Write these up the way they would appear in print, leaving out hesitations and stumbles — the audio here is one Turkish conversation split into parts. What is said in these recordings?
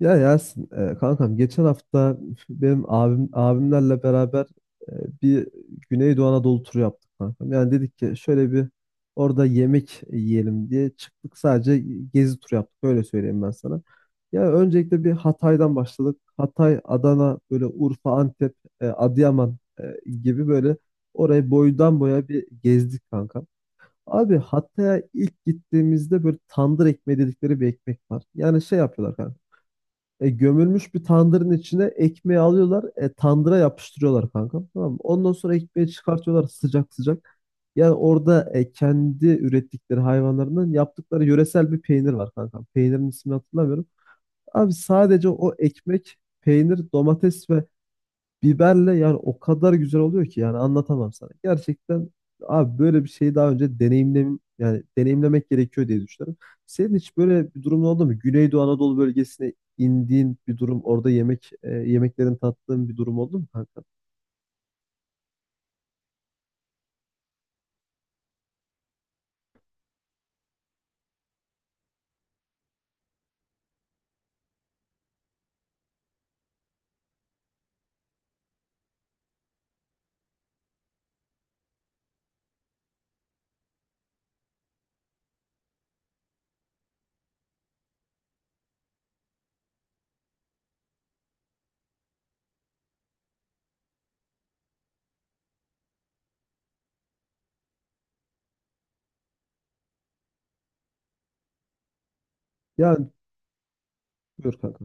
Ya Yasin, kankam geçen hafta benim abimlerle beraber e, bir Güneydoğu Anadolu turu yaptık kankam. Yani dedik ki şöyle bir orada yemek yiyelim diye çıktık, sadece gezi turu yaptık. Öyle söyleyeyim ben sana. Ya öncelikle bir Hatay'dan başladık. Hatay, Adana, böyle Urfa, Antep, Adıyaman gibi böyle orayı boydan boya bir gezdik kankam. Abi Hatay'a ilk gittiğimizde böyle tandır ekmeği dedikleri bir ekmek var. Yani şey yapıyorlar kanka. Gömülmüş bir tandırın içine ekmeği alıyorlar. Tandıra yapıştırıyorlar kanka. Tamam mı? Ondan sonra ekmeği çıkartıyorlar sıcak sıcak. Yani orada kendi ürettikleri hayvanlarından yaptıkları yöresel bir peynir var kanka. Peynirin ismini hatırlamıyorum. Abi sadece o ekmek, peynir, domates ve Biberle, yani o kadar güzel oluyor ki yani anlatamam sana. Gerçekten abi böyle bir şeyi daha önce yani deneyimlemek gerekiyor diye düşünüyorum. Senin hiç böyle bir durumun oldu mu? Güneydoğu Anadolu bölgesine indiğin bir durum, orada yemeklerin tattığın bir durum oldu mu kanka? Yani buyur kanka.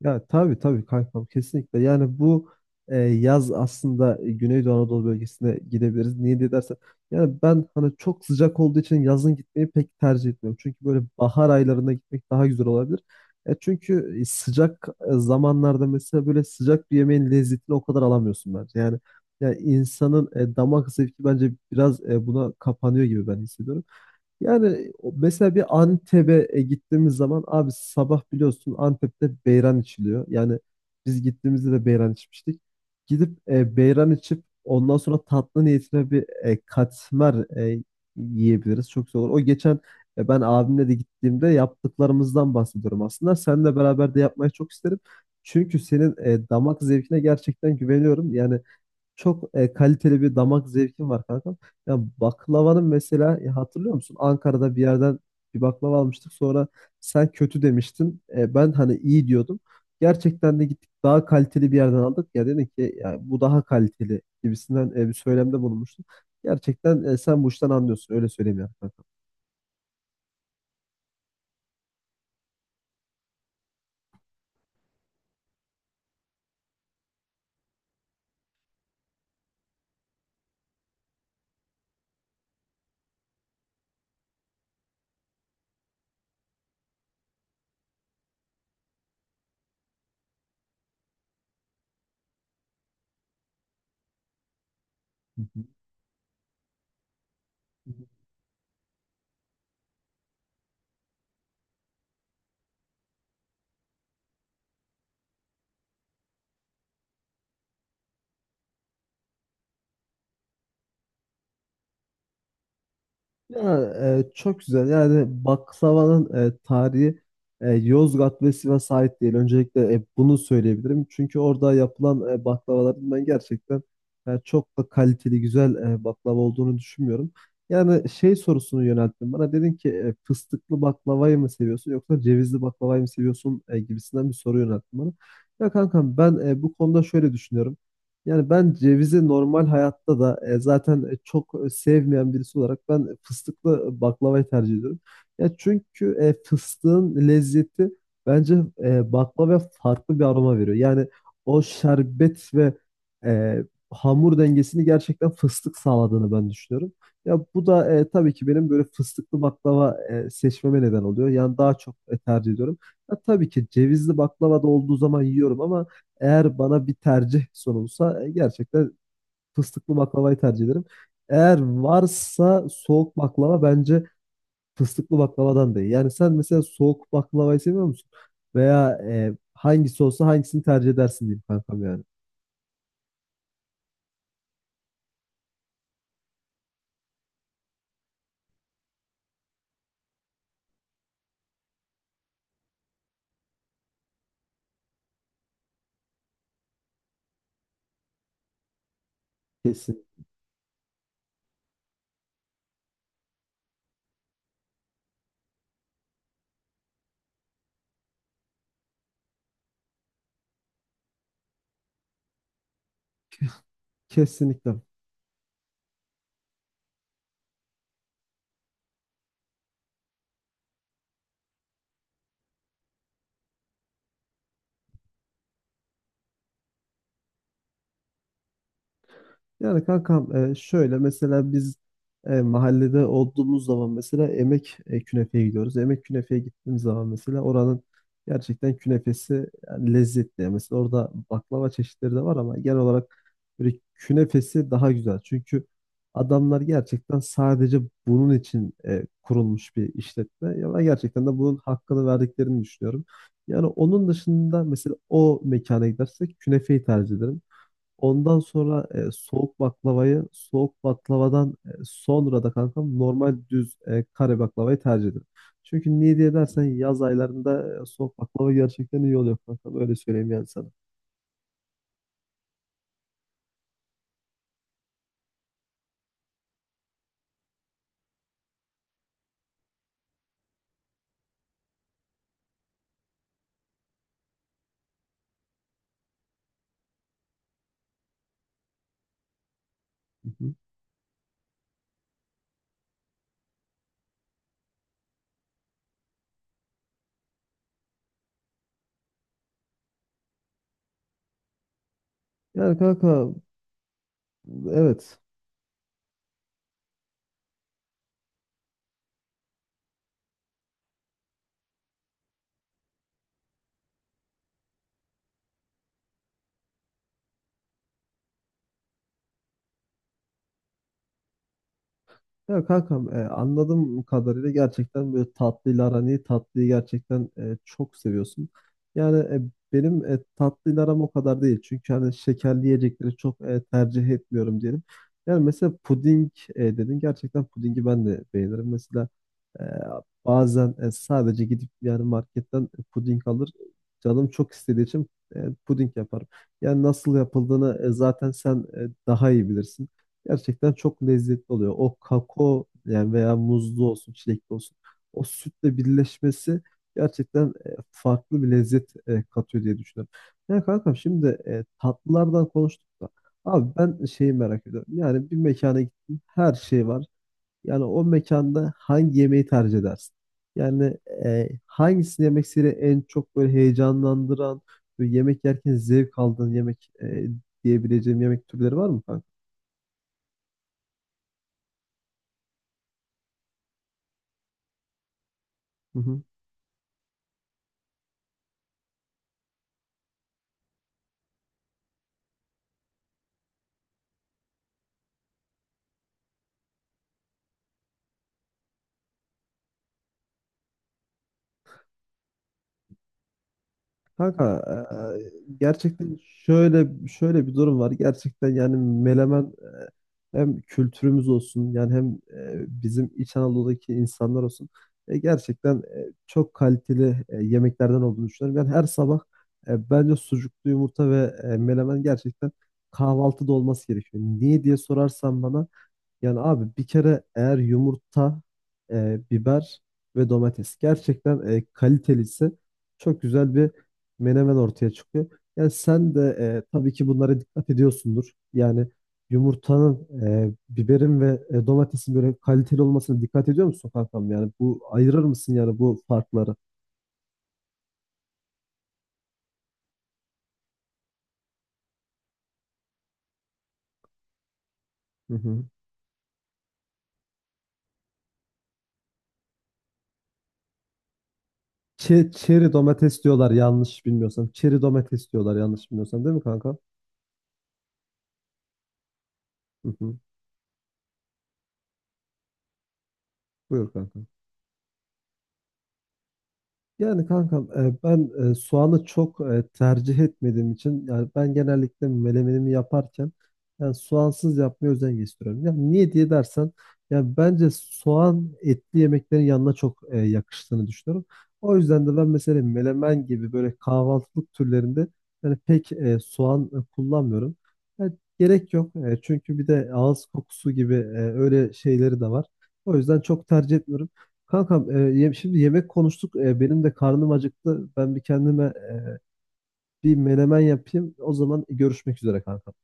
Ya tabii tabii kankam, kesinlikle. Yani bu yaz aslında Güneydoğu Anadolu bölgesine gidebiliriz. Niye diye dersen, yani ben hani çok sıcak olduğu için yazın gitmeyi pek tercih etmiyorum. Çünkü böyle bahar aylarında gitmek daha güzel olabilir. Çünkü zamanlarda mesela böyle sıcak bir yemeğin lezzetini o kadar alamıyorsun bence. Yani insanın damak zevki bence biraz buna kapanıyor gibi ben hissediyorum. Yani mesela bir Antep'e gittiğimiz zaman abi sabah biliyorsun Antep'te beyran içiliyor. Yani biz gittiğimizde de beyran içmiştik. Gidip beyran içip ondan sonra tatlı niyetine bir katmer yiyebiliriz. Çok güzel olur. O geçen ben abimle de gittiğimde yaptıklarımızdan bahsediyorum aslında. Seninle beraber de yapmayı çok isterim. Çünkü senin damak zevkine gerçekten güveniyorum. Yani çok kaliteli bir damak zevkim var kankam. Ya baklavanın mesela, hatırlıyor musun? Ankara'da bir yerden bir baklava almıştık. Sonra sen kötü demiştin. Ben hani iyi diyordum. Gerçekten de gittik, daha kaliteli bir yerden aldık. Ya dedin ki ya bu daha kaliteli gibisinden bir söylemde bulunmuştun. Gerçekten sen bu işten anlıyorsun. Öyle söyleyeyim yani kankam. Hı hı. Ya, çok güzel. Yani baklavanın tarihi Yozgat ve Sivas'a ait değil. Öncelikle bunu söyleyebilirim. Çünkü orada yapılan baklavaların ben gerçekten çok da kaliteli, güzel baklava olduğunu düşünmüyorum. Yani şey sorusunu yönelttim bana. Dedin ki fıstıklı baklavayı mı seviyorsun yoksa cevizli baklavayı mı seviyorsun gibisinden bir soru yönelttim bana. Ya kankam ben bu konuda şöyle düşünüyorum. Yani ben cevizi normal hayatta da zaten sevmeyen birisi olarak ben fıstıklı baklavayı tercih ediyorum. Ya çünkü fıstığın lezzeti bence baklavaya farklı bir aroma veriyor. Yani o şerbet ve e, hamur dengesini gerçekten fıstık sağladığını ben düşünüyorum. Ya bu da tabii ki benim böyle fıstıklı baklava seçmeme neden oluyor. Yani daha çok tercih ediyorum. Ya, tabii ki cevizli baklava da olduğu zaman yiyorum, ama eğer bana bir tercih sunulsa gerçekten fıstıklı baklavayı tercih ederim. Eğer varsa soğuk baklava bence fıstıklı baklavadan da iyi. Yani sen mesela soğuk baklavayı seviyor musun? Veya hangisi olsa hangisini tercih edersin diyeyim kankam yani. Kesin, kesinlikle. Yani kankam, şöyle mesela biz mahallede olduğumuz zaman mesela emek künefeye gidiyoruz. Emek künefeye gittiğimiz zaman mesela oranın gerçekten künefesi yani lezzetli. Yani Mesela orada baklava çeşitleri de var ama genel olarak böyle künefesi daha güzel. Çünkü adamlar gerçekten sadece bunun için kurulmuş bir işletme. Ya ben gerçekten de bunun hakkını verdiklerini düşünüyorum. Yani onun dışında mesela o mekana gidersek künefeyi tercih ederim. Ondan sonra soğuk baklavayı, soğuk baklavadan sonra da kankam normal düz kare baklavayı tercih ederim. Çünkü niye diye dersen yaz aylarında soğuk baklava gerçekten iyi oluyor kankam. Öyle söyleyeyim yani sana. Hı hı. Yani kanka, evet. Ya kankam, anladığım kadarıyla gerçekten böyle tatlıyla aran iyi. Tatlıyı gerçekten çok seviyorsun. Yani benim tatlıyla aram o kadar değil. Çünkü hani şekerli yiyecekleri çok tercih etmiyorum diyelim. Yani mesela puding dedin. Gerçekten pudingi ben de beğenirim. Mesela ee, bazen sadece gidip yani marketten puding alır. Canım çok istediği için puding yaparım. Yani nasıl yapıldığını zaten sen daha iyi bilirsin. Gerçekten çok lezzetli oluyor. O kakao yani veya muzlu olsun, çilekli olsun. O sütle birleşmesi gerçekten farklı bir lezzet katıyor diye düşünüyorum. Ya kankam şimdi tatlılardan konuştuk da. Abi ben şeyi merak ediyorum. Yani bir mekana gittim. Her şey var. Yani o mekanda hangi yemeği tercih edersin? Yani hangisini yemek seni en çok böyle heyecanlandıran, böyle yemek yerken zevk aldığın yemek diyebileceğim yemek türleri var mı kanka? Kanka eee, gerçekten şöyle bir durum var. Gerçekten yani Menemen, hem kültürümüz olsun yani hem bizim İç Anadolu'daki insanlar olsun. Gerçekten çok kaliteli yemeklerden olduğunu düşünüyorum. Yani her sabah bence sucuklu yumurta ve menemen gerçekten kahvaltıda olması gerekiyor. Niye diye sorarsan bana, yani abi bir kere eğer yumurta, biber ve domates gerçekten kaliteliyse çok güzel bir menemen ortaya çıkıyor. Yani sen de tabii ki bunlara dikkat ediyorsundur. Yani yumurtanın, biberin ve domatesin böyle kaliteli olmasına dikkat ediyor musun kankam? Yani bu ayırır mısın yani bu farkları? Hı hı. Çeri domates diyorlar yanlış bilmiyorsam. Çeri domates diyorlar yanlış bilmiyorsam, değil mi kanka? Hı hı. Buyur kanka. Yani kankam, ben soğanı çok tercih etmediğim için, yani ben genellikle melemenimi yaparken yani soğansız yapmaya özen gösteriyorum. Ya niye diye dersen, ya bence soğan etli yemeklerin yanına çok yakıştığını düşünüyorum. O yüzden de ben mesela melemen gibi böyle kahvaltılık türlerinde yani pek soğan kullanmıyorum. Ya gerek yok. Çünkü bir de ağız kokusu gibi öyle şeyleri de var. O yüzden çok tercih etmiyorum. Kankam, şimdi yemek konuştuk. Benim de karnım acıktı. Ben bir kendime bir menemen yapayım. O zaman görüşmek üzere Kankam.